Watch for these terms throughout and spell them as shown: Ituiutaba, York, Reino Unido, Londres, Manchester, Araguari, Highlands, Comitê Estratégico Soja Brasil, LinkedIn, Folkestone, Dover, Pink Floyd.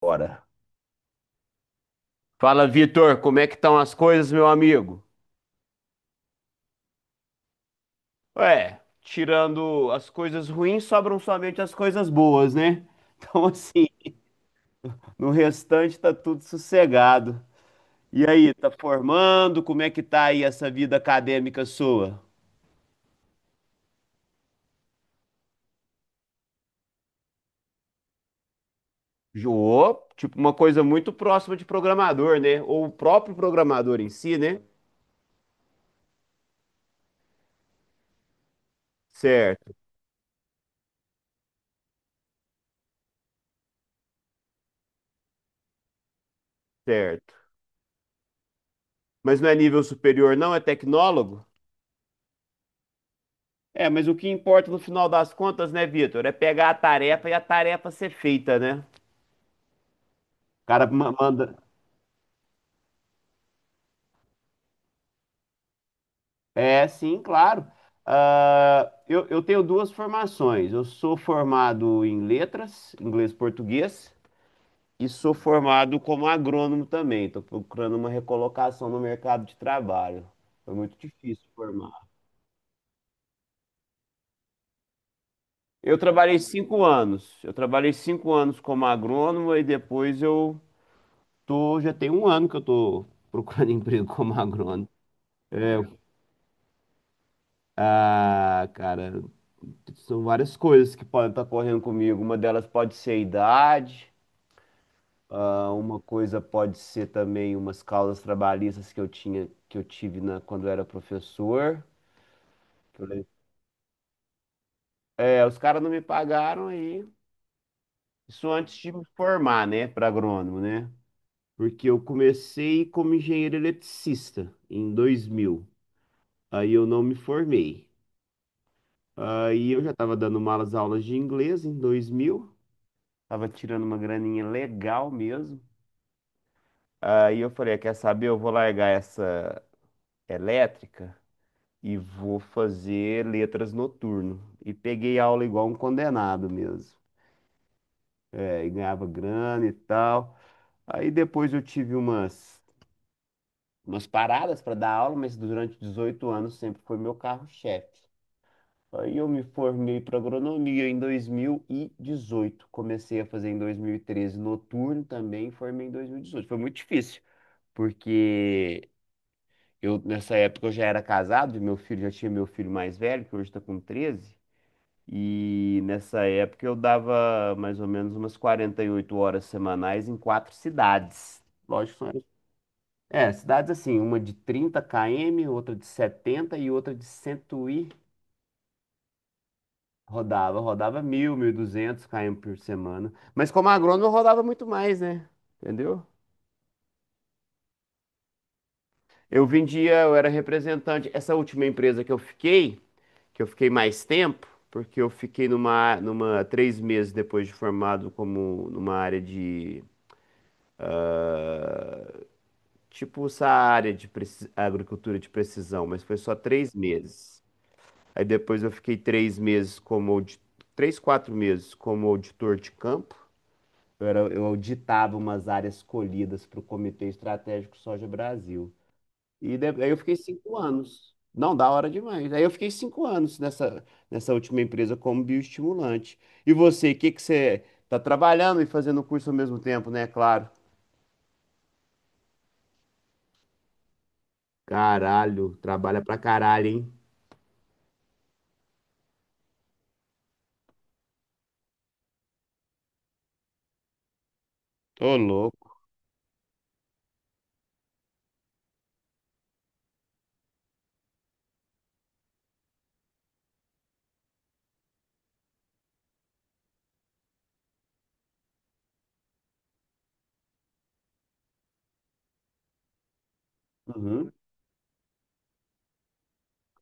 Bora. Fala, Vitor, como é que estão as coisas, meu amigo? Ué, tirando as coisas ruins, sobram somente as coisas boas, né? Então, assim, no restante tá tudo sossegado. E aí, tá formando? Como é que tá aí essa vida acadêmica sua? Jô, tipo uma coisa muito próxima de programador, né? Ou o próprio programador em si, né? Certo, certo. Mas não é nível superior, não, é tecnólogo? É, mas o que importa no final das contas, né, Vitor, é pegar a tarefa e a tarefa ser feita, né? O cara manda. É, sim, claro. Ah, eu tenho duas formações. Eu sou formado em letras, inglês e português, e sou formado como agrônomo também. Estou procurando uma recolocação no mercado de trabalho. Foi muito difícil formar. Eu trabalhei 5 anos. Eu trabalhei cinco anos como agrônomo e depois eu. Tô, já tem um ano que eu tô procurando emprego como agrônomo. É, ah, cara, são várias coisas que podem estar correndo comigo. Uma delas pode ser a idade, ah, uma coisa pode ser também umas causas trabalhistas que eu tinha, que eu tive na, quando eu era professor. É, os caras não me pagaram aí. Isso antes de me formar, né, para agrônomo, né? Porque eu comecei como engenheiro eletricista em 2000. Aí eu não me formei. Aí eu já estava dando malas aulas de inglês em 2000, estava tirando uma graninha legal mesmo. Aí eu falei, "Ah, quer saber? Eu vou largar essa elétrica e vou fazer letras noturno". E peguei aula igual um condenado mesmo. É, e ganhava grana e tal. Aí depois eu tive umas, paradas para dar aula, mas durante 18 anos sempre foi meu carro-chefe. Aí eu me formei para agronomia em 2018. Comecei a fazer em 2013 noturno também, formei em 2018. Foi muito difícil, porque eu nessa época eu já era casado, e meu filho já tinha meu filho mais velho, que hoje está com 13, e nessa época eu dava mais ou menos umas 48 horas semanais em quatro cidades. Lógico, é, cidades assim, uma de 30 km, outra de 70 e outra de 100 e. Rodava, rodava 1.000, 1.200 km por semana. Mas como agrônomo eu rodava muito mais, né? Entendeu? Eu vendia, eu era representante. Essa última empresa que eu fiquei mais tempo, porque eu fiquei numa, 3 meses depois de formado como numa área de, tipo essa área de agricultura de precisão, mas foi só 3 meses. Aí depois eu fiquei 3 meses como, três, 4 meses como auditor de campo. Eu auditava umas áreas colhidas para o Comitê Estratégico Soja Brasil. Aí eu fiquei 5 anos. Não, da hora demais. Aí eu fiquei cinco anos nessa, nessa última empresa como bioestimulante. E você, o que que você tá trabalhando e fazendo curso ao mesmo tempo, né? Claro. Caralho, trabalha pra caralho, hein? Tô louco. Uhum.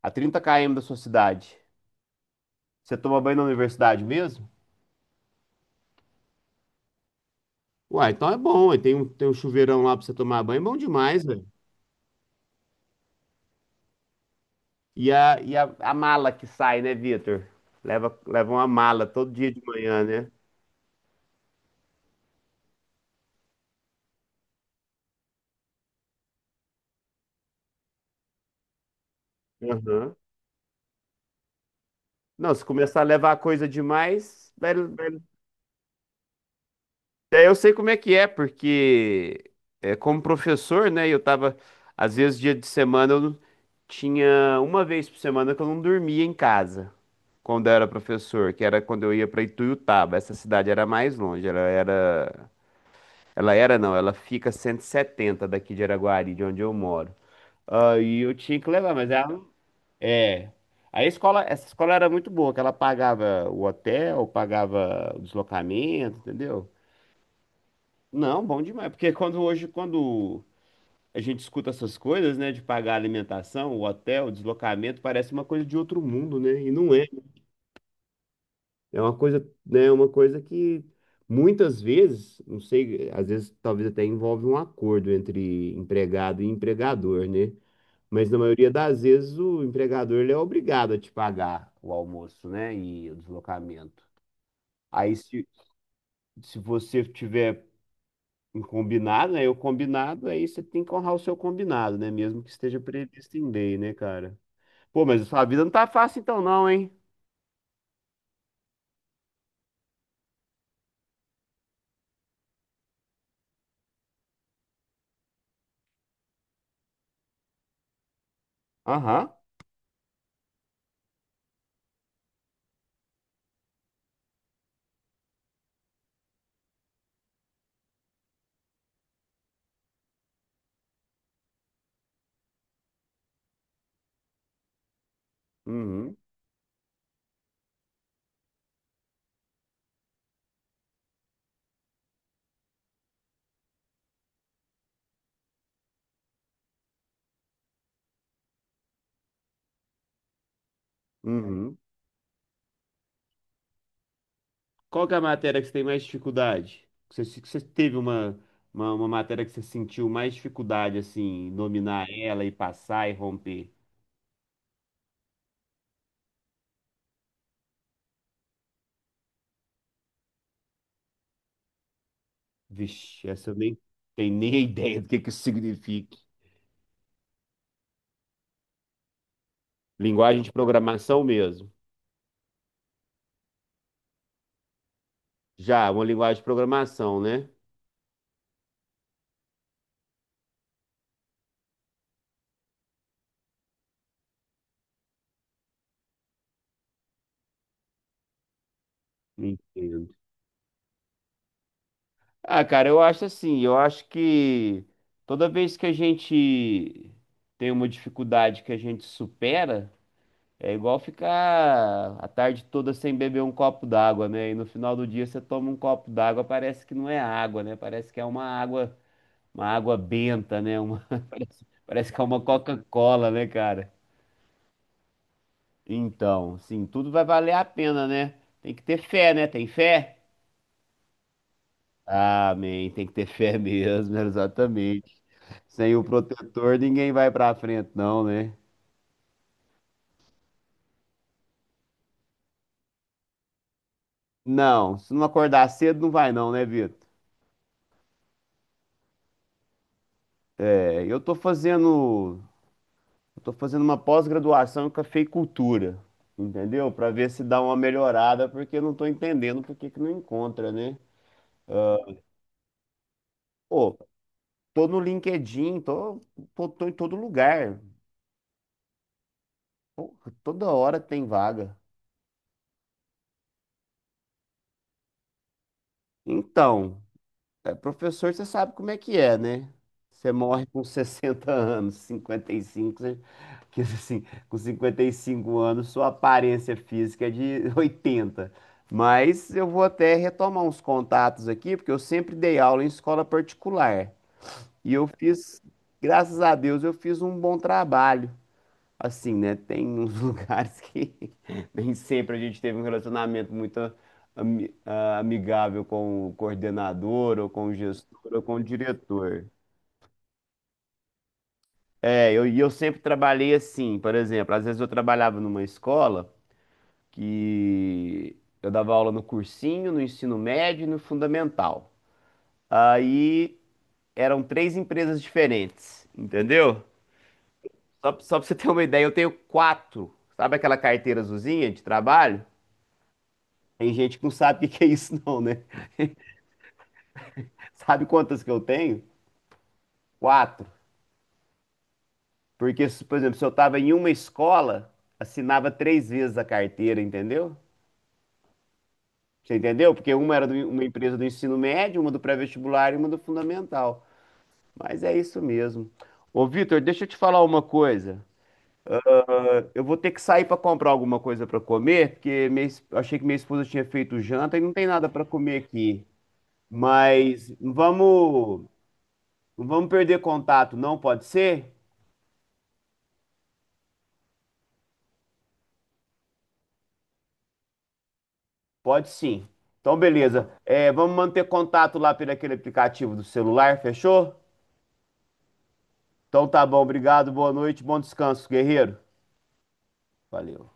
A 30 km da sua cidade. Você toma banho na universidade mesmo? Uai, então é bom, ué. Tem um chuveirão lá pra você tomar banho. É bom demais, velho. A mala que sai, né, Vitor? Leva, leva uma mala todo dia de manhã, né? Aham. Não, se começar a levar coisa demais, daí eu sei como é que é, porque é, como professor, né? Eu tava, às vezes, dia de semana, eu não- tinha uma vez por semana que eu não dormia em casa, quando eu era professor, que era quando eu ia para Ituiutaba. Essa cidade era mais longe, ela era. Ela era, não, ela fica a 170 daqui de Araguari, de onde eu moro. Aí eu tinha que levar, mas ela. É. A escola, essa escola era muito boa, que ela pagava o hotel, pagava o deslocamento, entendeu? Não, bom demais, porque quando hoje, quando a gente escuta essas coisas, né, de pagar alimentação, o hotel, o deslocamento, parece uma coisa de outro mundo, né? E não é. É uma coisa, né, uma coisa que muitas vezes, não sei, às vezes talvez até envolve um acordo entre empregado e empregador, né? Mas na maioria das vezes o empregador ele é obrigado a te pagar o almoço, né? E o deslocamento. Aí se você tiver um combinado, né? O combinado, aí você tem que honrar o seu combinado, né? Mesmo que esteja previsto em lei, né, cara? Pô, mas a sua vida não tá fácil então não, hein? Aham. Uhum. Uhum. Qual que é a matéria que você tem mais dificuldade? Que você, que você teve uma matéria que você sentiu mais dificuldade, assim, em dominar ela e passar e romper? Vixe, essa eu nem tenho nem a ideia do que isso significa. Linguagem de programação mesmo. Já, uma linguagem de programação, né? Entendo. Ah, cara, eu acho assim, eu acho que toda vez que a gente tem uma dificuldade que a gente supera, é igual ficar a tarde toda sem beber um copo d'água, né? E no final do dia você toma um copo d'água, parece que não é água, né? Parece que é uma água benta, né? Uma, parece, parece que é uma Coca-Cola, né, cara? Então, sim, tudo vai valer a pena, né? Tem que ter fé, né? Tem fé? Amém. Tem que ter fé mesmo, exatamente. Sem o protetor, ninguém vai pra frente, não, né? Não, se não acordar cedo, não vai, não, né, Vitor? É, eu tô fazendo, eu tô fazendo uma pós-graduação em cafeicultura, entendeu? Pra ver se dá uma melhorada, porque eu não tô entendendo por que que não encontra, né? Pô, tô no LinkedIn, tô em todo lugar, toda hora tem vaga. Então, é, professor, você sabe como é que é, né? Você morre com 60 anos, 55, você... Que assim, com 55 anos, sua aparência física é de 80. Mas eu vou até retomar uns contatos aqui, porque eu sempre dei aula em escola particular. E eu fiz, graças a Deus, eu fiz um bom trabalho. Assim, né? Tem uns lugares que nem sempre a gente teve um relacionamento muito amigável com o coordenador, ou com o gestor, ou com o diretor. É, eu sempre trabalhei assim, por exemplo, às vezes eu trabalhava numa escola que eu dava aula no cursinho, no ensino médio e no fundamental. Aí eram três empresas diferentes, entendeu? Só, só pra você ter uma ideia, eu tenho quatro. Sabe aquela carteira azulzinha de trabalho? Tem gente que não sabe o que que é isso, não, né? Sabe quantas que eu tenho? Quatro. Porque, por exemplo, se eu estava em uma escola, assinava três vezes a carteira, entendeu? Você entendeu? Porque uma era de uma empresa do ensino médio, uma do pré-vestibular e uma do fundamental. Mas é isso mesmo. Ô, Vitor, deixa eu te falar uma coisa. Ah, eu vou ter que sair para comprar alguma coisa para comer, porque minha eu achei que minha esposa tinha feito janta e não tem nada para comer aqui. Mas vamos, não vamos perder contato, não pode ser? Pode sim. Então, beleza. É, vamos manter contato lá pelo aquele aplicativo do celular, fechou? Então tá bom, obrigado, boa noite, bom descanso, guerreiro. Valeu.